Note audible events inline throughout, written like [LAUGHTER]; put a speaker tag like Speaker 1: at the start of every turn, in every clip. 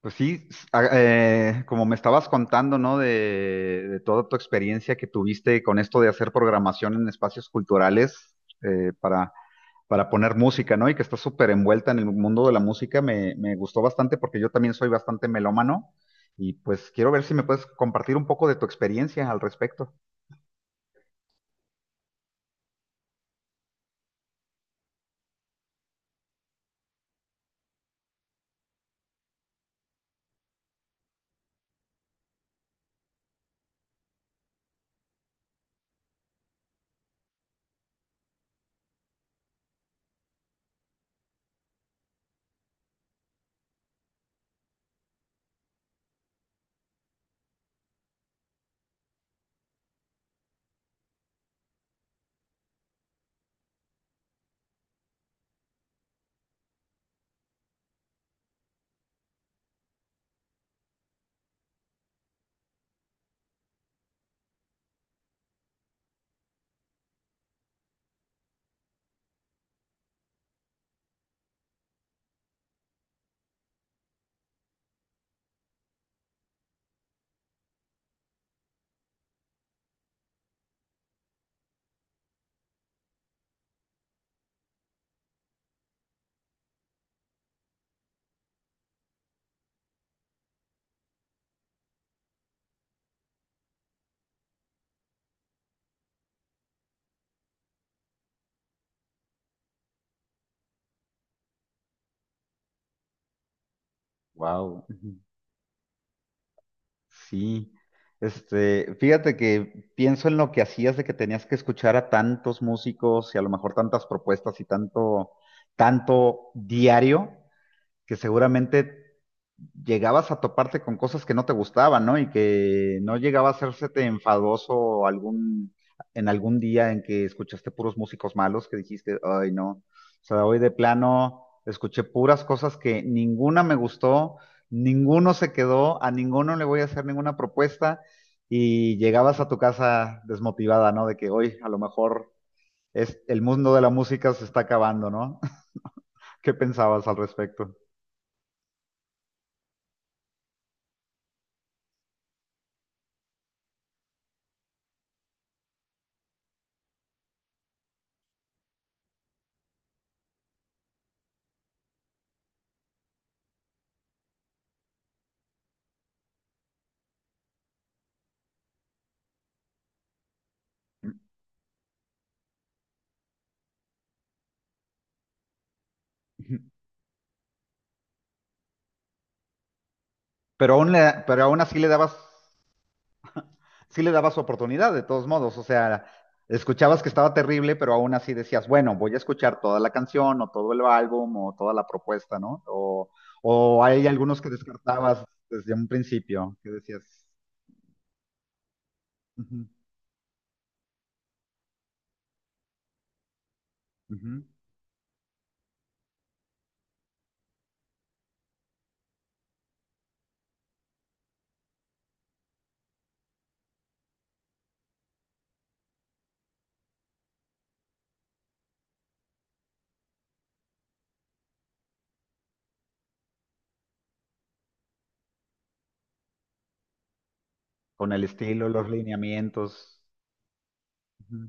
Speaker 1: Pues sí, como me estabas contando, ¿no? De toda tu experiencia que tuviste con esto de hacer programación en espacios culturales eh, para, para poner música, ¿no? Y que estás súper envuelta en el mundo de la música, me gustó bastante porque yo también soy bastante melómano y pues quiero ver si me puedes compartir un poco de tu experiencia al respecto. Wow. Sí, este, fíjate que pienso en lo que hacías de que tenías que escuchar a tantos músicos y a lo mejor tantas propuestas y tanto diario, que seguramente llegabas a toparte con cosas que no te gustaban, ¿no? Y que no llegaba a hacérsete enfadoso en algún día en que escuchaste puros músicos malos que dijiste, ay, no. O sea, hoy de plano escuché puras cosas que ninguna me gustó, ninguno se quedó, a ninguno le voy a hacer ninguna propuesta y llegabas a tu casa desmotivada, ¿no? De que hoy a lo mejor el mundo de la música se está acabando, ¿no? [LAUGHS] ¿Qué pensabas al respecto? Pero aún así le dabas sí le daba su oportunidad, de todos modos. O sea, escuchabas que estaba terrible, pero aún así decías, bueno, voy a escuchar toda la canción o todo el álbum o toda la propuesta, ¿no? O, hay algunos que descartabas desde un principio, que decías, "Ujú, ujú", con el estilo, los lineamientos. Ujú.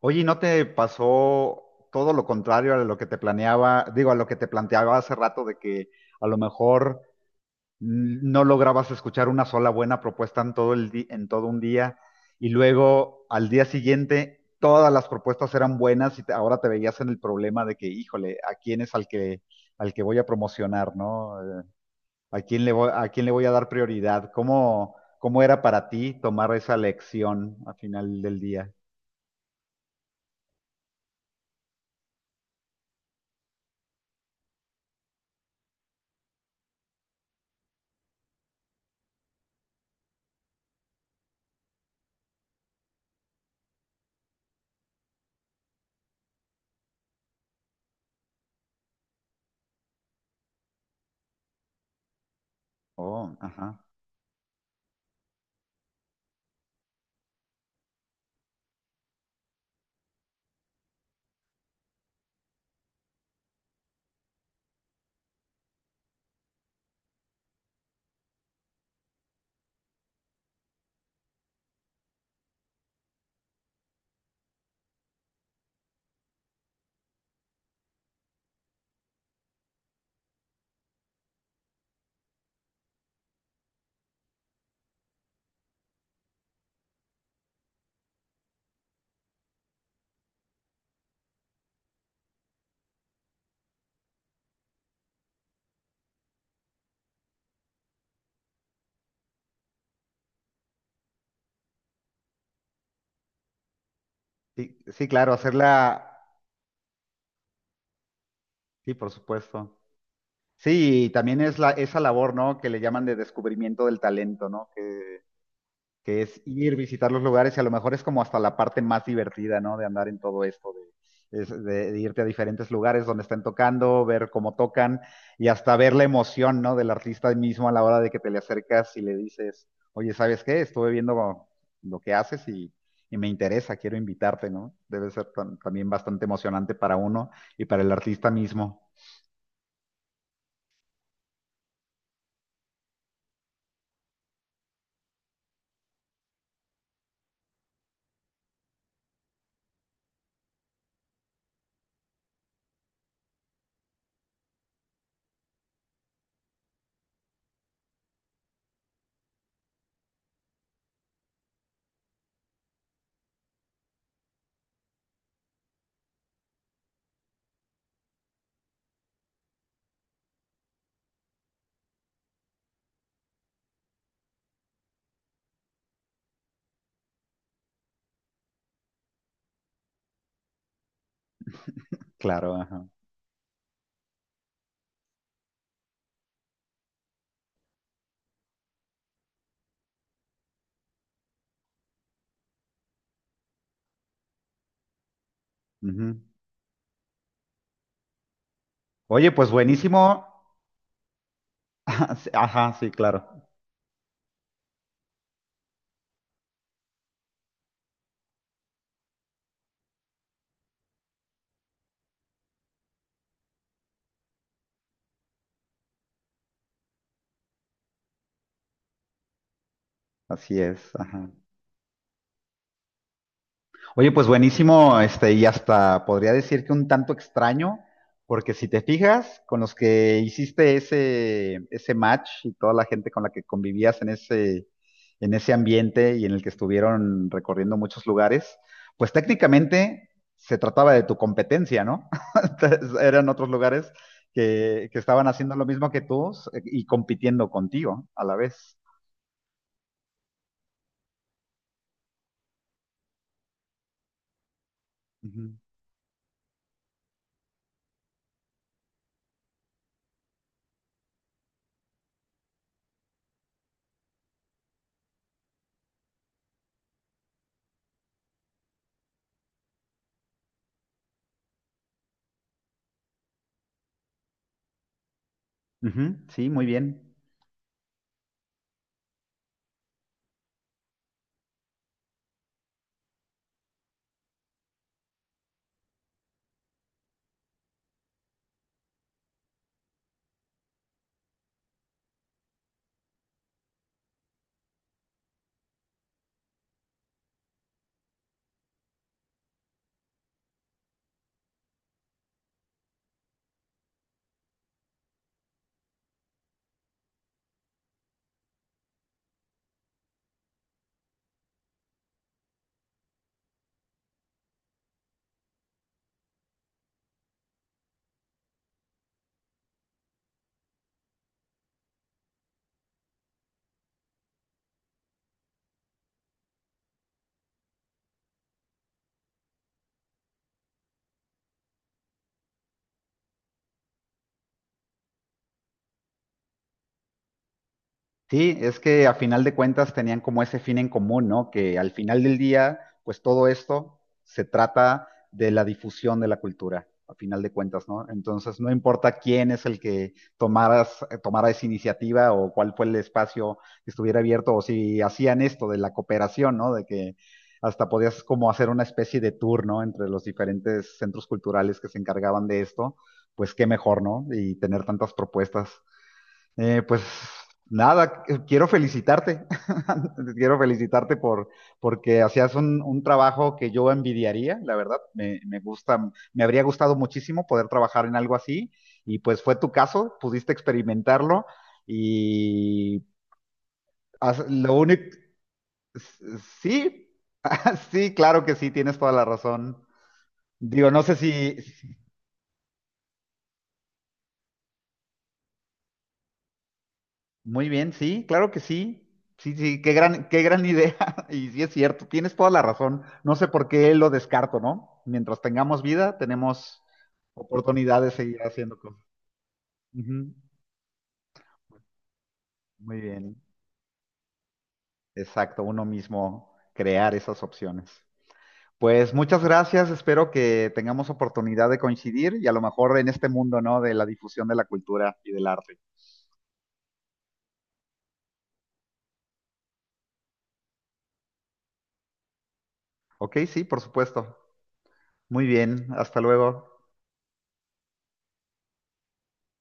Speaker 1: Oye, ¿y no te pasó todo lo contrario a lo que te planeaba, digo, a lo que te planteaba hace rato de que a lo mejor no lograbas escuchar una sola buena propuesta en todo un día y luego al día siguiente todas las propuestas eran buenas ahora te veías en el problema de que, híjole, ¿a quién es al que voy a promocionar, ¿no? ¿A quién le voy, a quién le voy a dar prioridad? Cómo era para ti tomar esa lección al final del día? Oh, ajá. Sí, sí, claro, hacerla, sí, por supuesto. Sí, y también es esa labor, ¿no? Que le llaman de descubrimiento del talento, ¿no? Que es ir, visitar los lugares y a lo mejor es como hasta la parte más divertida, ¿no? De andar en todo esto, de irte a diferentes lugares donde están tocando, ver cómo tocan y hasta ver la emoción, ¿no? Del artista mismo a la hora de que te le acercas y le dices, oye, ¿sabes qué? Estuve viendo lo que haces y me interesa, quiero invitarte, ¿no? Debe ser también bastante emocionante para uno y para el artista mismo. Claro, ajá. Ujú. Oye, pues buenísimo. [LAUGHS] Ajá, sí, claro. Así es, ajá. Oye, pues buenísimo, este, y hasta podría decir que un tanto extraño, porque si te fijas, con los que hiciste ese match y toda la gente con la que convivías en en ese ambiente y en el que estuvieron recorriendo muchos lugares, pues técnicamente se trataba de tu competencia, ¿no? [LAUGHS] Entonces, eran otros lugares que estaban haciendo lo mismo que tú y compitiendo contigo a la vez. Ujú. Ujú, sí, muy bien. Sí, es que a final de cuentas tenían como ese fin en común, ¿no? Que al final del día, pues todo esto se trata de la difusión de la cultura, a final de cuentas, ¿no? Entonces, no importa quién es el que tomaras, tomara esa iniciativa o cuál fue el espacio que estuviera abierto, o si hacían esto de la cooperación, ¿no? De que hasta podías como hacer una especie de tour, ¿no? Entre los diferentes centros culturales que se encargaban de esto, pues qué mejor, ¿no? Y tener tantas propuestas. Pues nada, quiero felicitarte. [LAUGHS] Quiero felicitarte por porque hacías un trabajo que yo envidiaría, la verdad. Me gusta, me habría gustado muchísimo poder trabajar en algo así. Y pues fue tu caso, pudiste experimentarlo. Y lo único, sí, [LAUGHS] sí, claro que sí, tienes toda la razón. Digo, no sé si, muy bien, sí, claro que sí. Sí, sí, qué gran idea. [LAUGHS] Y sí es cierto, tienes toda la razón. No sé por qué lo descarto, ¿no? Mientras tengamos vida, tenemos oportunidad de seguir haciendo cosas. Ujú. Muy bien, exacto, uno mismo crear esas opciones. Pues muchas gracias, espero que tengamos oportunidad de coincidir y a lo mejor en este mundo, ¿no? De la difusión de la cultura y del arte. Ok, sí, por supuesto. Muy bien, hasta luego.